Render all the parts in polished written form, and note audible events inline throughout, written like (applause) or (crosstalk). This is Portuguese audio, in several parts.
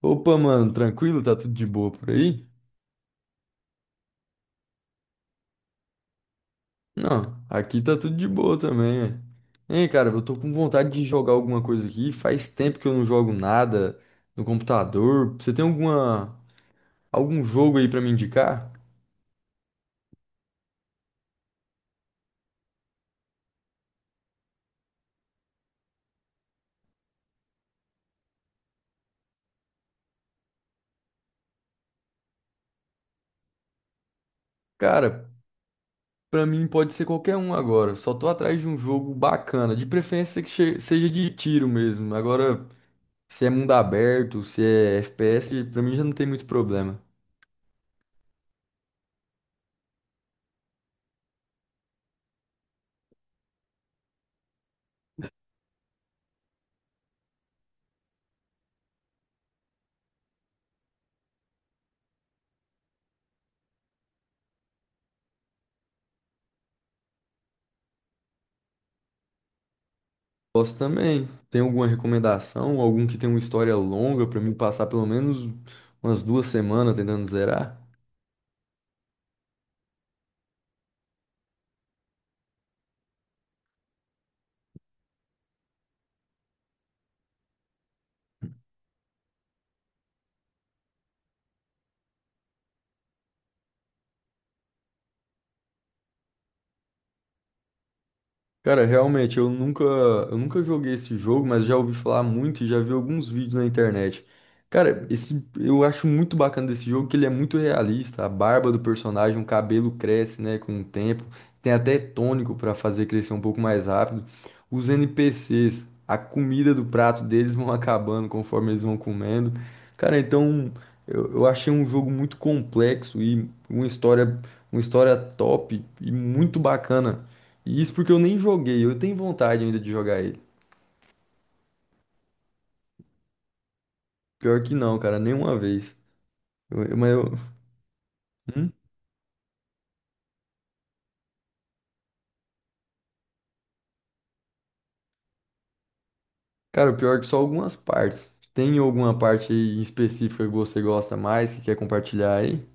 Opa, mano, tranquilo? Tá tudo de boa por aí? Não, aqui tá tudo de boa também, ué. Hein, cara, eu tô com vontade de jogar alguma coisa aqui. Faz tempo que eu não jogo nada no computador. Você tem algum jogo aí pra me indicar? Cara, pra mim pode ser qualquer um agora. Só tô atrás de um jogo bacana, de preferência que seja de tiro mesmo. Agora, se é mundo aberto, se é FPS, pra mim já não tem muito problema. Posso também. Tem alguma recomendação? Algum que tem uma história longa pra mim passar pelo menos umas duas semanas tentando zerar? Cara, realmente, eu nunca joguei esse jogo, mas já ouvi falar muito e já vi alguns vídeos na internet. Cara, esse, eu acho muito bacana desse jogo que ele é muito realista. A barba do personagem, o cabelo cresce, né, com o tempo. Tem até tônico pra fazer crescer um pouco mais rápido. Os NPCs, a comida do prato deles (laughs) vão acabando conforme eles vão comendo. Cara, então eu achei um jogo muito complexo e uma história top e muito bacana. E isso porque eu nem joguei. Eu tenho vontade ainda de jogar ele. Pior que não, cara, nenhuma vez. Mas eu. Hum? Cara, pior é que só algumas partes. Tem alguma parte aí em específica que você gosta mais, que quer compartilhar aí?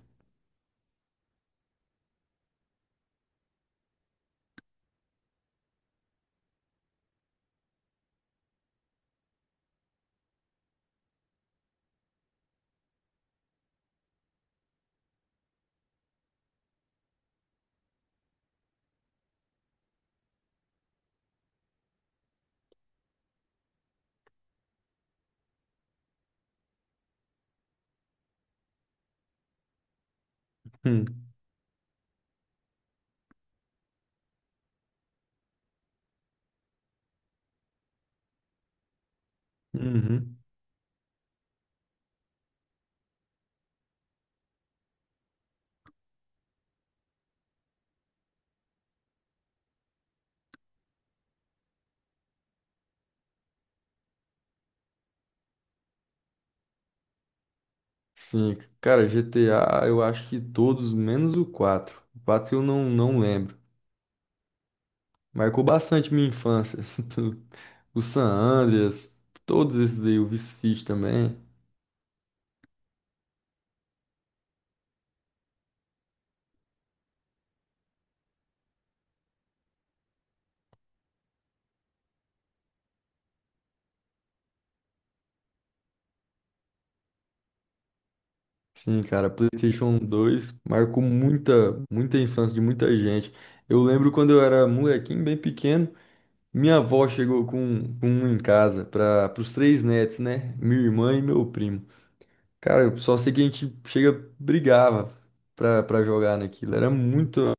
Hum. Uhum. Sim, cara, GTA eu acho que todos, menos o 4. O 4 eu não, não lembro. Marcou bastante minha infância. (laughs) O San Andreas, todos esses aí, o Vice City também. Sim, cara, PlayStation 2 marcou muita, muita infância de muita gente. Eu lembro quando eu era molequinho, bem pequeno, minha avó chegou com um em casa para os três netos, né? Minha irmã e meu primo. Cara, eu só sei que a gente chega, brigava pra jogar naquilo. Era muito,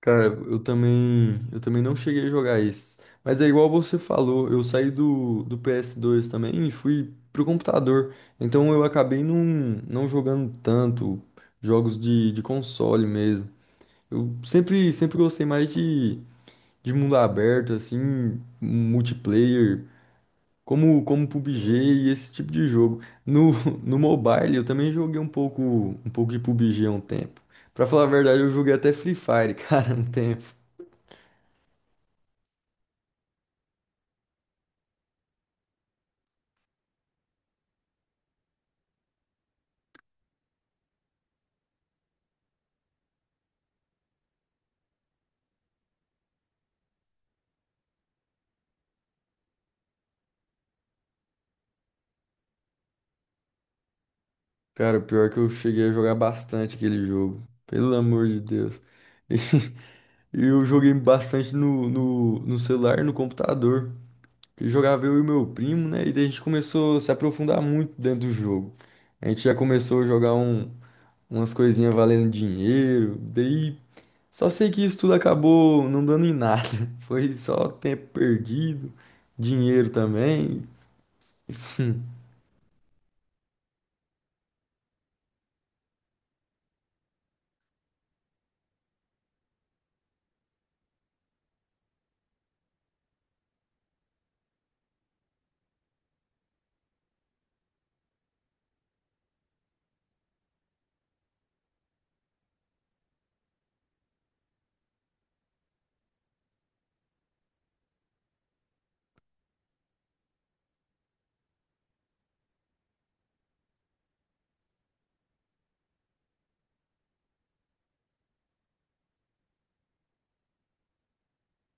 cara, eu também não cheguei a jogar esses. Mas é igual você falou, eu saí do PS2 também e fui pro computador. Então eu acabei não, não jogando tanto jogos de console mesmo. Eu sempre gostei mais de mundo aberto, assim, multiplayer, como PUBG e esse tipo de jogo. No, (laughs) no mobile eu também joguei um pouco de PUBG há um tempo. Pra falar a verdade, eu joguei até Free Fire, (laughs) cara, um tempo. Cara, o pior é que eu cheguei a jogar bastante aquele jogo. Pelo amor de Deus. (laughs) E eu joguei bastante no celular e no computador. E jogava eu e meu primo, né? E daí a gente começou a se aprofundar muito dentro do jogo. A gente já começou a jogar umas coisinhas valendo dinheiro. Daí só sei que isso tudo acabou não dando em nada. (laughs) Foi só tempo perdido, dinheiro também. (laughs)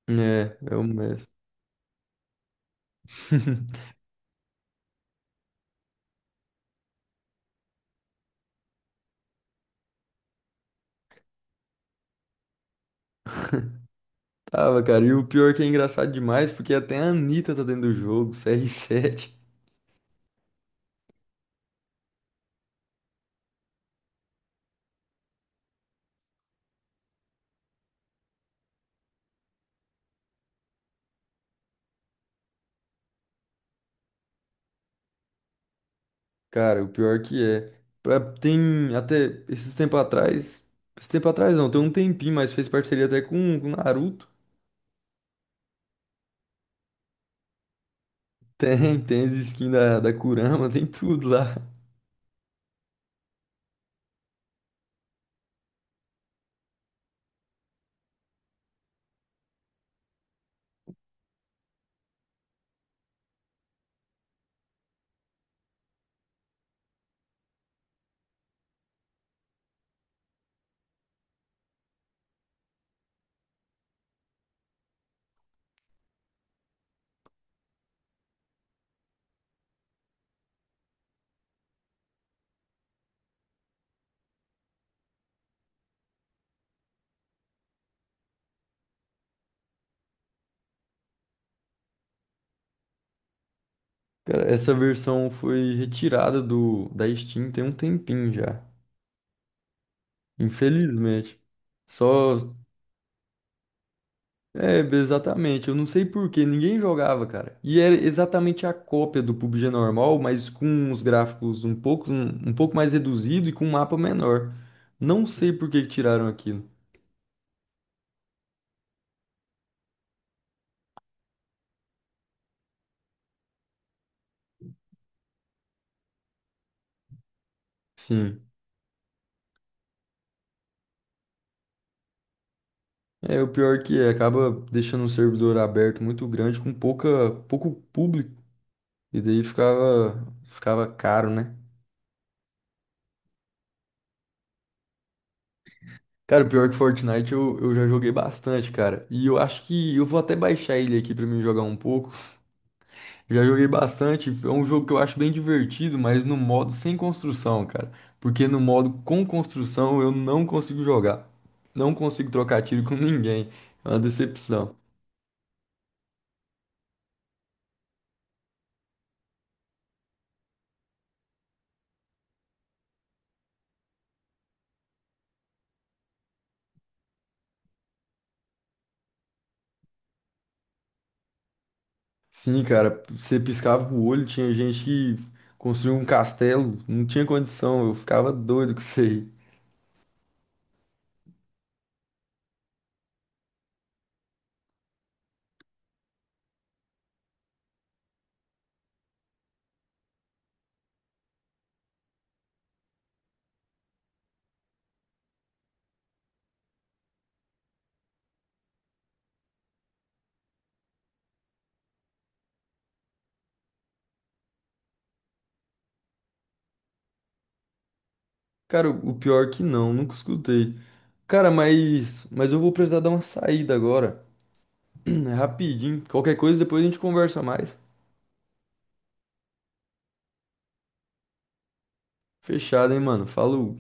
É, é o mestre. (laughs) Tava, cara. E o pior que é engraçado demais, porque até a Anitta tá dentro do jogo, (laughs) cr sete. Cara, o pior que é. Tem até esses tempo atrás. Esse tempo atrás não, tem um tempinho, mas fez parceria até com o Naruto. (laughs) Tem, tem as skins da Kurama, (laughs) tem tudo lá. Cara, essa versão foi retirada do da Steam tem um tempinho já. Infelizmente. Só é, exatamente. Eu não sei por quê, ninguém jogava, cara. E era exatamente a cópia do PUBG normal, mas com os gráficos um pouco mais reduzido e com um mapa menor. Não sei por que que tiraram aquilo. Sim. É, o pior que é, acaba deixando um servidor aberto muito grande com pouco público. E daí ficava caro, né? Cara, o pior que Fortnite eu já joguei bastante, cara. E eu acho que eu vou até baixar ele aqui pra mim jogar um pouco. Já joguei bastante, é um jogo que eu acho bem divertido, mas no modo sem construção, cara. Porque no modo com construção eu não consigo jogar. Não consigo trocar tiro com (laughs) ninguém. É uma decepção. Sim, cara, você piscava o olho, tinha gente que construiu um castelo, não tinha condição, eu ficava doido com isso aí. Cara, o pior que não, nunca escutei. Cara, mas eu vou precisar dar uma saída agora. (clears throat) É rapidinho. Qualquer coisa depois a gente conversa mais. Fechado, hein, mano? Falou.